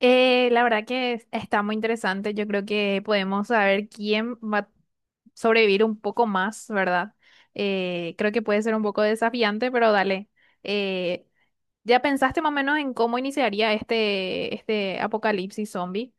La verdad que está muy interesante. Yo creo que podemos saber quién va a sobrevivir un poco más, ¿verdad? Creo que puede ser un poco desafiante, pero dale. Eh, ¿Ya pensaste más o menos en cómo iniciaría este apocalipsis zombie?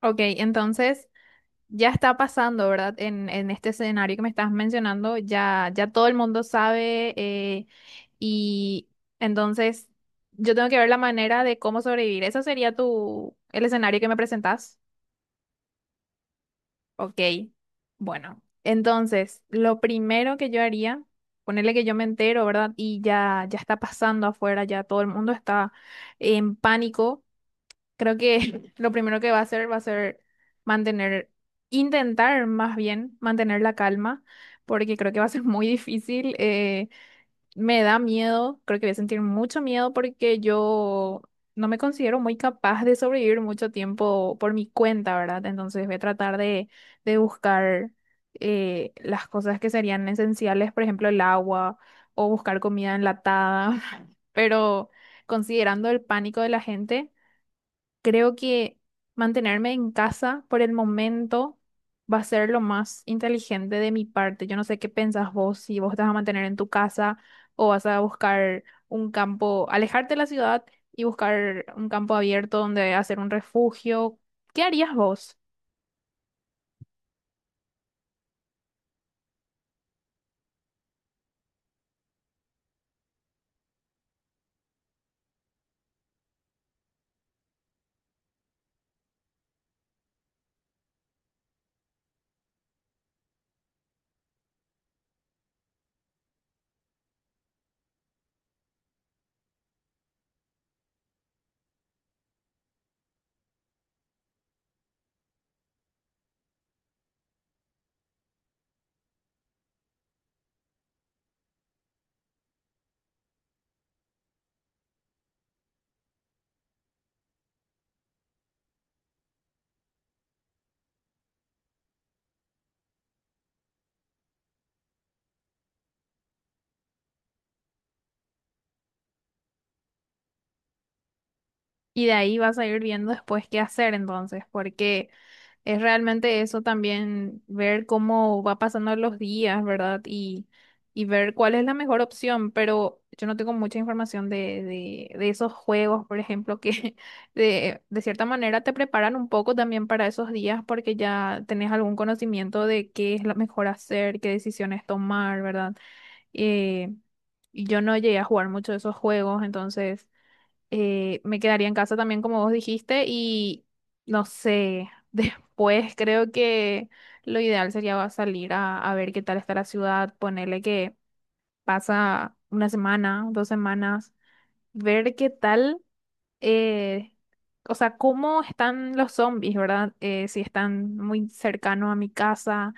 Ok, entonces ya está pasando, ¿verdad? En este escenario que me estás mencionando, ya todo el mundo sabe, y entonces yo tengo que ver la manera de cómo sobrevivir. ¿Eso sería tu, el escenario que me presentas? Ok, bueno. Entonces, lo primero que yo haría, ponerle que yo me entero, ¿verdad? Y ya está pasando afuera, ya todo el mundo está en pánico. Creo que lo primero que va a hacer va a ser mantener, intentar más bien mantener la calma, porque creo que va a ser muy difícil. Me da miedo, creo que voy a sentir mucho miedo porque yo no me considero muy capaz de sobrevivir mucho tiempo por mi cuenta, ¿verdad? Entonces voy a tratar de buscar las cosas que serían esenciales, por ejemplo, el agua o buscar comida enlatada, pero considerando el pánico de la gente. Creo que mantenerme en casa por el momento va a ser lo más inteligente de mi parte. Yo no sé qué pensás vos, si vos te vas a mantener en tu casa o vas a buscar un campo, alejarte de la ciudad y buscar un campo abierto donde hacer un refugio. ¿Qué harías vos? Y de ahí vas a ir viendo después qué hacer entonces, porque... es realmente eso también, ver cómo va pasando los días, ¿verdad? Y ver cuál es la mejor opción, pero yo no tengo mucha información de esos juegos, por ejemplo, que de cierta manera te preparan un poco también para esos días porque ya tenés algún conocimiento de qué es lo mejor hacer, qué decisiones tomar, ¿verdad? Eh, y yo no llegué a jugar mucho de esos juegos, entonces me quedaría en casa también, como vos dijiste, y no sé, después creo que lo ideal sería salir a ver qué tal está la ciudad, ponerle que pasa una semana, dos semanas, ver qué tal, eh, o sea, cómo están los zombies, ¿verdad? Si están muy cercanos a mi casa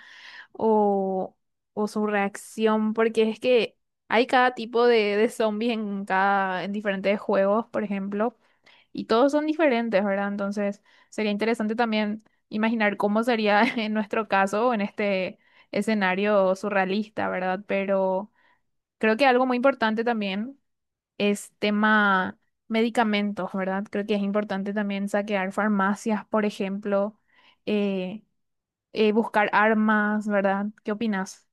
o, o su reacción, porque es que hay cada tipo de zombies en cada, en diferentes juegos, por ejemplo, y todos son diferentes, ¿verdad? Entonces, sería interesante también imaginar cómo sería en nuestro caso, en este escenario surrealista, ¿verdad? Pero creo que algo muy importante también es tema medicamentos, ¿verdad? Creo que es importante también saquear farmacias, por ejemplo, eh, buscar armas, ¿verdad? ¿Qué opinas?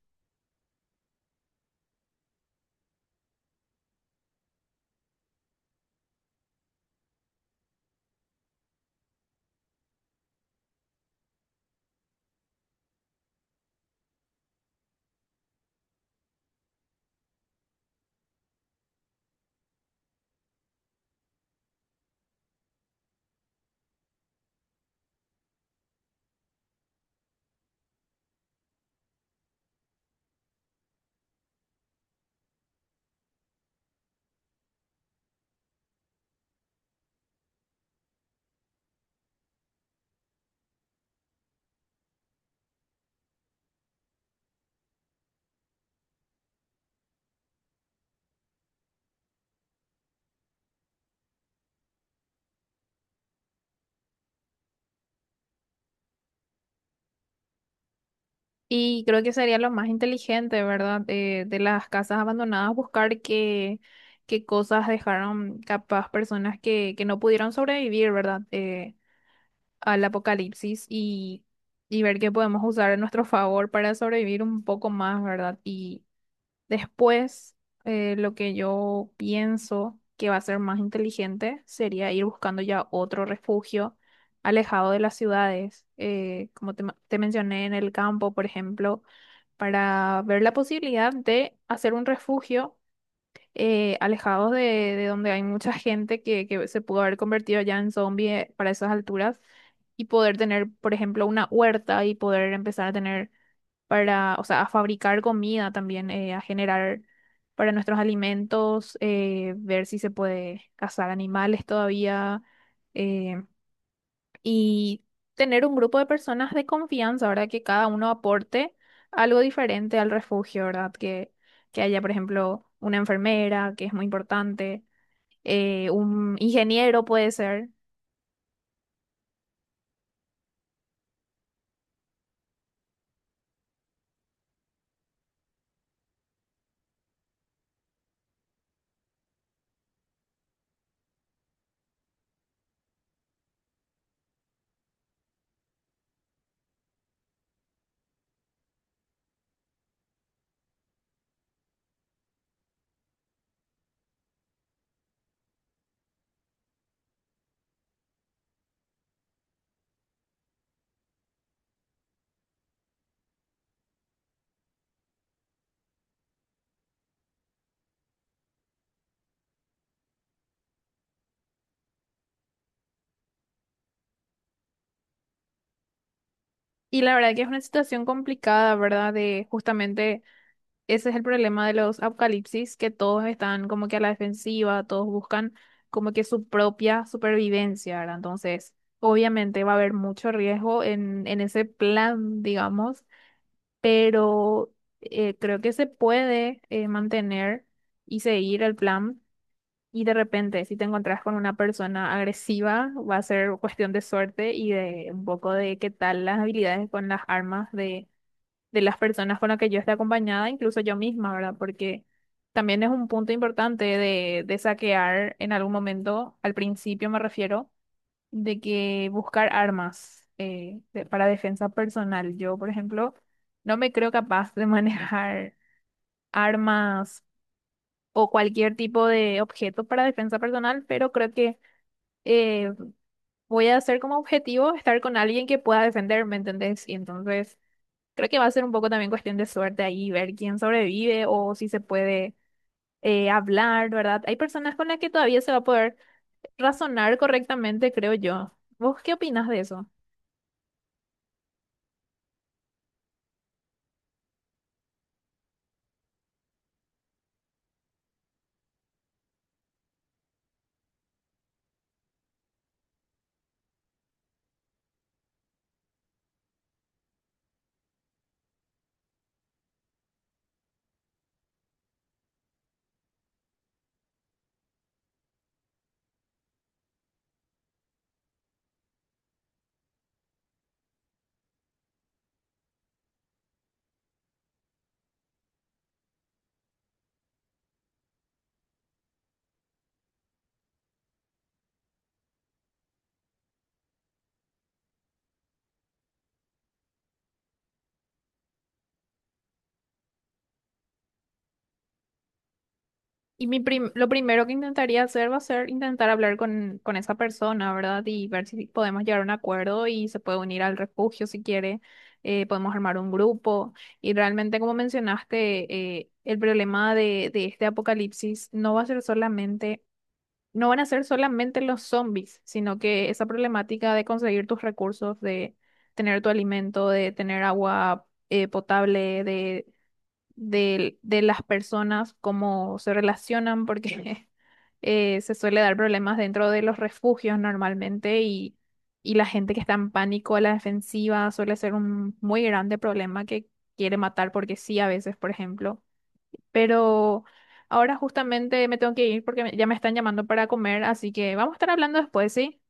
Y creo que sería lo más inteligente, ¿verdad? De las casas abandonadas, buscar qué, qué cosas dejaron capaz personas que no pudieron sobrevivir, ¿verdad? Al apocalipsis y ver qué podemos usar a nuestro favor para sobrevivir un poco más, ¿verdad? Y después, lo que yo pienso que va a ser más inteligente sería ir buscando ya otro refugio alejado de las ciudades. Como te te mencioné en el campo, por ejemplo, para ver la posibilidad de hacer un refugio alejados de donde hay mucha gente que se pudo haber convertido ya en zombie para esas alturas y poder tener, por ejemplo, una huerta y poder empezar a tener para, o sea, a fabricar comida también, a generar para nuestros alimentos, ver si se puede cazar animales todavía. eh, y tener un grupo de personas de confianza, ¿verdad? Que cada uno aporte algo diferente al refugio, ¿verdad? Que haya, por ejemplo, una enfermera, que es muy importante, un ingeniero puede ser. Y la verdad que es una situación complicada, ¿verdad? De justamente ese es el problema de los apocalipsis, que todos están como que a la defensiva, todos buscan como que su propia supervivencia, ¿verdad? Entonces, obviamente va a haber mucho riesgo en ese plan, digamos, pero creo que se puede mantener y seguir el plan. Y de repente, si te encontrás con una persona agresiva, va a ser cuestión de suerte y de un poco de qué tal las habilidades con las armas de las personas con las que yo esté acompañada, incluso yo misma, ¿verdad? Porque también es un punto importante de saquear en algún momento, al principio me refiero de que buscar armas para defensa personal. Yo, por ejemplo, no me creo capaz de manejar armas o cualquier tipo de objeto para defensa personal, pero creo que eh, voy a hacer como objetivo estar con alguien que pueda defenderme, ¿entendés? Y entonces creo que va a ser un poco también cuestión de suerte ahí, ver quién sobrevive o si se puede hablar, ¿verdad? Hay personas con las que todavía se va a poder razonar correctamente, creo yo. ¿Vos qué opinas de eso? Y mi lo primero que intentaría hacer va a ser intentar hablar con esa persona, ¿verdad? Y ver si podemos llegar a un acuerdo y se puede unir al refugio si quiere. Podemos armar un grupo. Y realmente, como mencionaste, el problema de este apocalipsis no va a ser solamente, no van a ser solamente los zombies, sino que esa problemática de conseguir tus recursos, de tener tu alimento, de tener agua, potable, de las personas, cómo se relacionan, porque se suele dar problemas dentro de los refugios normalmente y la gente que está en pánico a la defensiva suele ser un muy grande problema que quiere matar porque sí, a veces, por ejemplo. Pero ahora justamente me tengo que ir porque ya me están llamando para comer, así que vamos a estar hablando después, ¿sí?